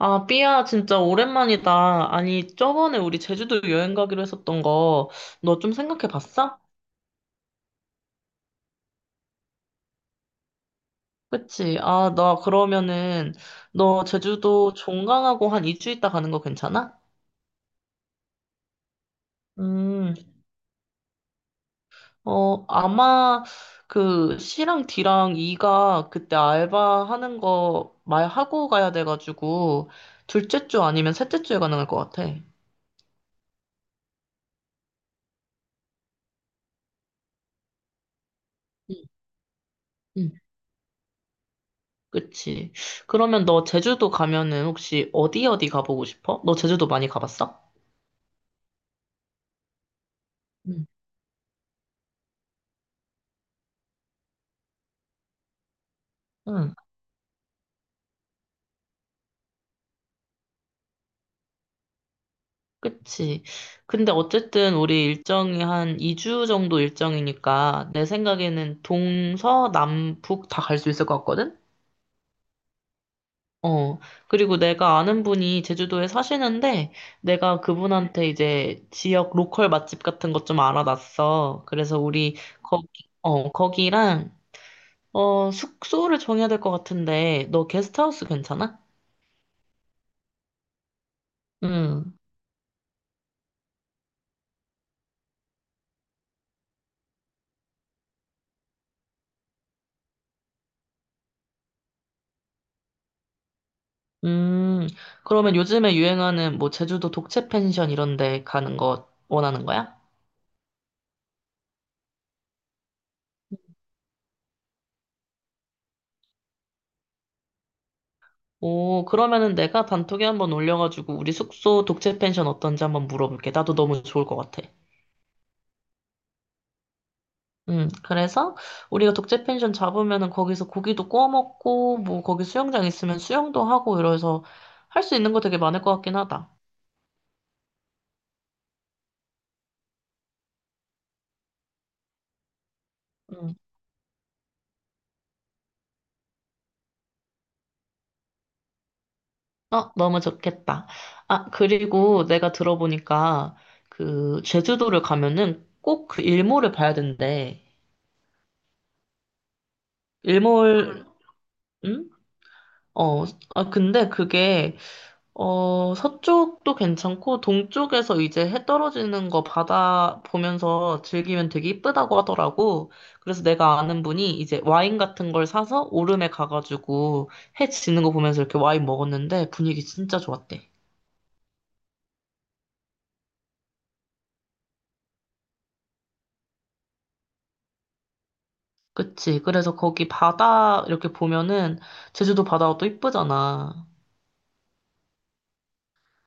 아, 삐야, 진짜 오랜만이다. 아니, 저번에 우리 제주도 여행 가기로 했었던 거, 너 좀 생각해 봤어? 그치? 아, 나 그러면은, 너 제주도 종강하고 한 2주 있다 가는 거 괜찮아? 음, 아마 그 C랑 D랑 E가 그때 알바 하는 거 말하고 가야 돼가지고, 둘째 주 아니면 셋째 주에 가능할 것 같아. 응, 응. 그치. 그러면 너 제주도 가면은 혹시 어디 어디 가보고 싶어? 너 제주도 많이 가봤어? 응. 응, 그치. 근데 어쨌든 우리 일정이 한 2주 정도 일정이니까 내 생각에는 동서, 남, 북 다 갈 수 있을 것 같거든? 어. 그리고 내가 아는 분이 제주도에 사시는데 내가 그분한테 이제 지역 로컬 맛집 같은 것 좀 알아놨어. 그래서 우리 거기, 거기랑 숙소를 정해야 될 것 같은데, 너 게스트하우스 괜찮아? 음, 음, 그러면 요즘에 유행하는 뭐 제주도 독채 펜션 이런 데 가는 거 원하는 거야? 오, 그러면은 내가 단톡에 한번 올려가지고 우리 숙소 독채 펜션 어떤지 한번 물어볼게. 나도 너무 좋을 것 같아. 그래서 우리가 독채 펜션 잡으면은 거기서 고기도 구워 먹고, 뭐 거기 수영장 있으면 수영도 하고 이래서 할 수 있는 거 되게 많을 것 같긴 하다. 응. 어, 너무 좋겠다. 아, 그리고 내가 들어보니까 그 제주도를 가면은 꼭 그 일몰을 봐야 된대. 일몰, 응? 어, 아, 근데 그게, 어, 서쪽도 괜찮고, 동쪽에서 이제 해 떨어지는 거 바다 보면서 즐기면 되게 이쁘다고 하더라고. 그래서 내가 아는 분이 이제 와인 같은 걸 사서 오름에 가가지고 해 지는 거 보면서 이렇게 와인 먹었는데 분위기 진짜 좋았대. 그치. 그래서 거기 바다 이렇게 보면은 제주도 바다가 또 이쁘잖아.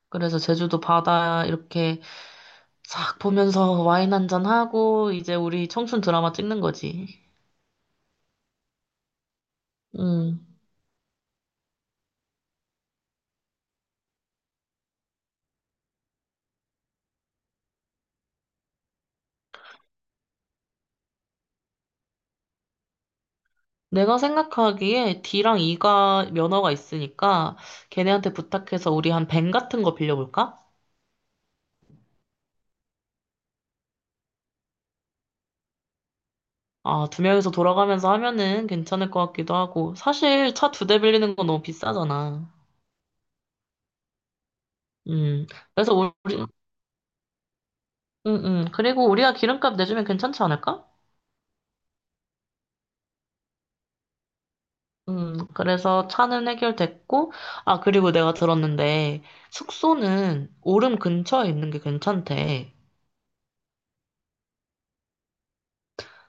그래서 제주도 바다 이렇게 싹 보면서 와인 한 잔 하고 이제 우리 청춘 드라마 찍는 거지. 음. 내가 생각하기에 D랑 E가 면허가 있으니까 걔네한테 부탁해서 우리 한 밴 같은 거 빌려볼까? 아, 두 명이서 돌아가면서 하면은 괜찮을 것 같기도 하고. 사실 차 두 대 빌리는 건 너무 비싸잖아. 음. 그래서 우리, 그리고 우리가 기름값 내주면 괜찮지 않을까? 그래서 차는 해결됐고, 아, 그리고 내가 들었는데, 숙소는 오름 근처에 있는 게 괜찮대.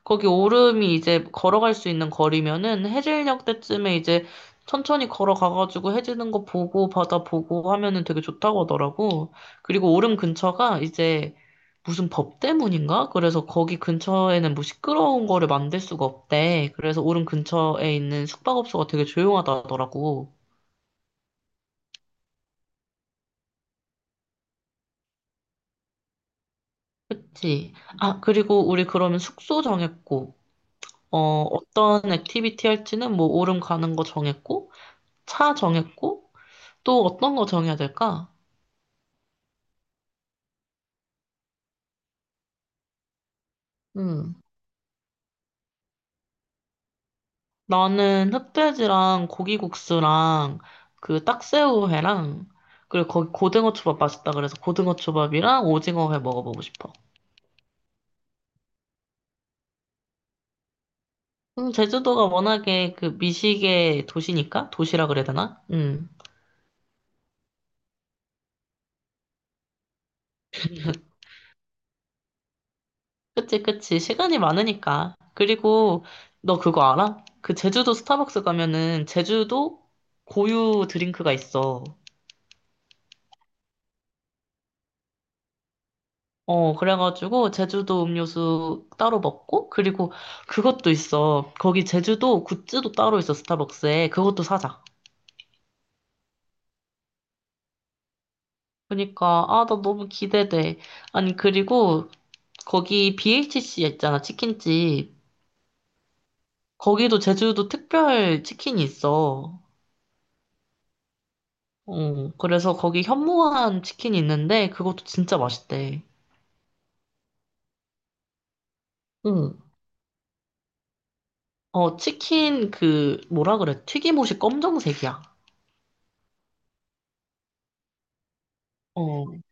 거기 오름이 이제 걸어갈 수 있는 거리면은 해질녘 때쯤에 이제 천천히 걸어가가지고 해지는 거 보고 바다 보고 하면은 되게 좋다고 하더라고. 그리고 오름 근처가 이제 무슨 법 때문인가? 그래서 거기 근처에는 뭐 시끄러운 거를 만들 수가 없대. 그래서 오름 근처에 있는 숙박업소가 되게 조용하다 하더라고. 그치. 아, 그리고 우리 그러면 숙소 정했고, 어, 어떤 액티비티 할지는 뭐 오름 가는 거 정했고, 차 정했고, 또 어떤 거 정해야 될까? 음. 나는 흑돼지랑 고기국수랑 그 딱새우회랑 그리고 거기 고등어 초밥 맛있다 그래서 고등어 초밥이랑 오징어회 먹어보고 싶어. 제주도가 워낙에 그 미식의 도시니까 도시라 그래야 되나? 응. 그치, 그치. 시간이 많으니까. 그리고 너 그거 알아? 그 제주도 스타벅스 가면은 제주도 고유 드링크가 있어. 어, 그래가지고 제주도 음료수 따로 먹고, 그리고 그것도 있어. 거기 제주도 굿즈도 따로 있어, 스타벅스에. 그것도 사자. 그러니까, 아, 나 너무 기대돼. 아니, 그리고 거기 BHC 있잖아, 치킨집. 거기도 제주도 특별 치킨이 있어. 어, 그래서 거기 현무암 치킨이 있는데 그것도 진짜 맛있대. 응. 어, 치킨 그 뭐라 그래? 튀김옷이 검정색이야. 어,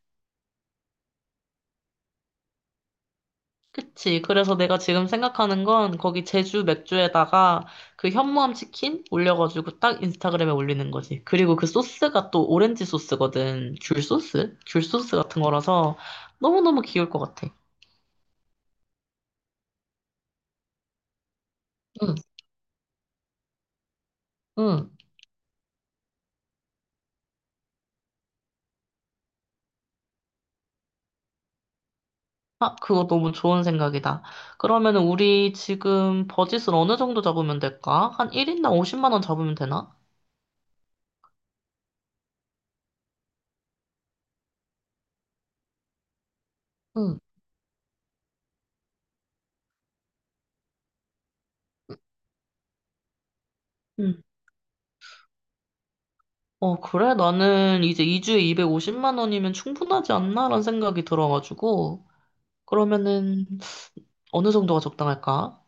그치. 그래서 내가 지금 생각하는 건 거기 제주 맥주에다가 그 현무암 치킨 올려가지고 딱 인스타그램에 올리는 거지. 그리고 그 소스가 또 오렌지 소스거든. 귤 소스? 귤 소스 같은 거라서 너무너무 귀여울 것 같아. 응, 응. 아, 그거 너무 좋은 생각이다. 그러면 은 우리 지금 버짓을 어느 정도 잡으면 될까? 한 1인당 50만 원 잡으면 되나? 응. 응. 어, 그래? 나는 이제 2주에 250만 원이면 충분하지 않나라는 생각이 들어가지고. 그러면은 어느 정도가 적당할까?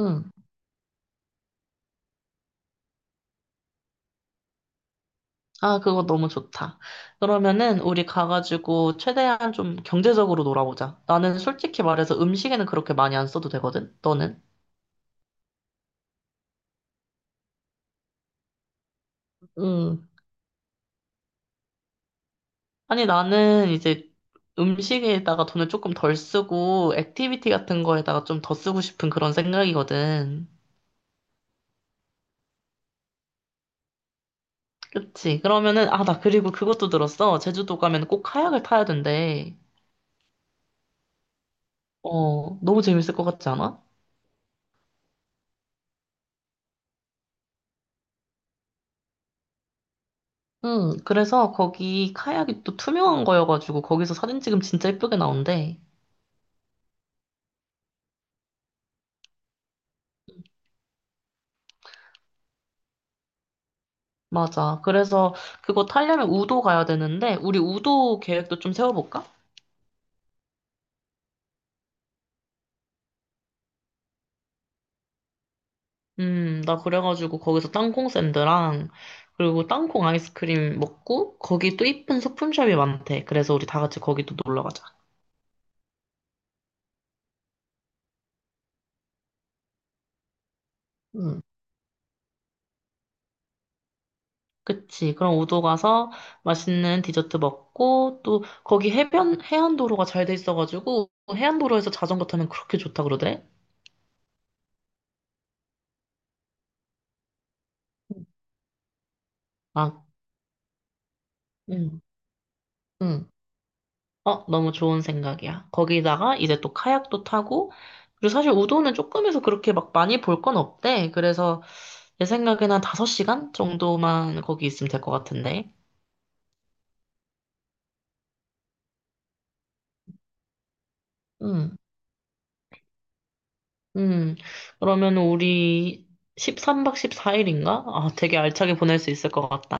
응. 아, 그거 너무 좋다. 그러면은 우리 가가지고 최대한 좀 경제적으로 놀아보자. 나는 솔직히 말해서 음식에는 그렇게 많이 안 써도 되거든? 너는? 아니, 나는 이제 음식에다가 돈을 조금 덜 쓰고, 액티비티 같은 거에다가 좀 더 쓰고 싶은 그런 생각이거든. 그치? 그러면은, 아, 나 그리고 그것도 들었어. 제주도 가면 꼭 카약을 타야 된대. 어, 너무 재밌을 것 같지 않아? 응, 그래서 거기 카약이 또 투명한 거여가지고, 거기서 사진 찍으면 진짜 예쁘게 나온대. 맞아. 그래서 그거 타려면 우도 가야 되는데, 우리 우도 계획도 좀 세워볼까? 나 그래가지고 거기서 땅콩 샌드랑 그리고 땅콩 아이스크림 먹고 거기 또 이쁜 소품샵이 많대. 그래서 우리 다 같이 거기 또 놀러 가자. 응. 그치. 그럼 우도 가서 맛있는 디저트 먹고 또 거기 해변, 해안도로가 잘 돼 있어가지고 해안도로에서 자전거 타면 그렇게 좋다 그러더래. 아, 음. 응. 응. 어, 너무 좋은 생각이야. 거기다가 이제 또 카약도 타고, 그리고 사실 우도는 조금 해서 그렇게 막 많이 볼 건 없대. 그래서 내 생각에는 한 5시간 정도만 거기 있으면 될 것 같은데. 음, 음. 그러면 우리 13박 14일인가? 아, 되게 알차게 보낼 수 있을 것 같다.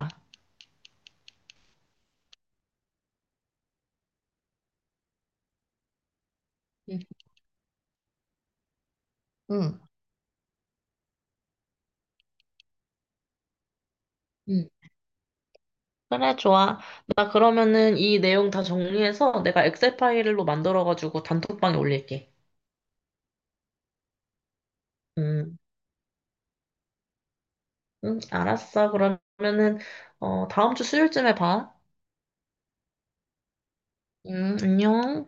응, 응, 응. 그래, 좋아. 나 그러면은 이 내용 다 정리해서 내가 엑셀 파일로 만들어가지고 단톡방에 올릴게. 응, 응. 알았어. 그러면은, 어, 다음 주 수요일쯤에 봐. 응, 안녕.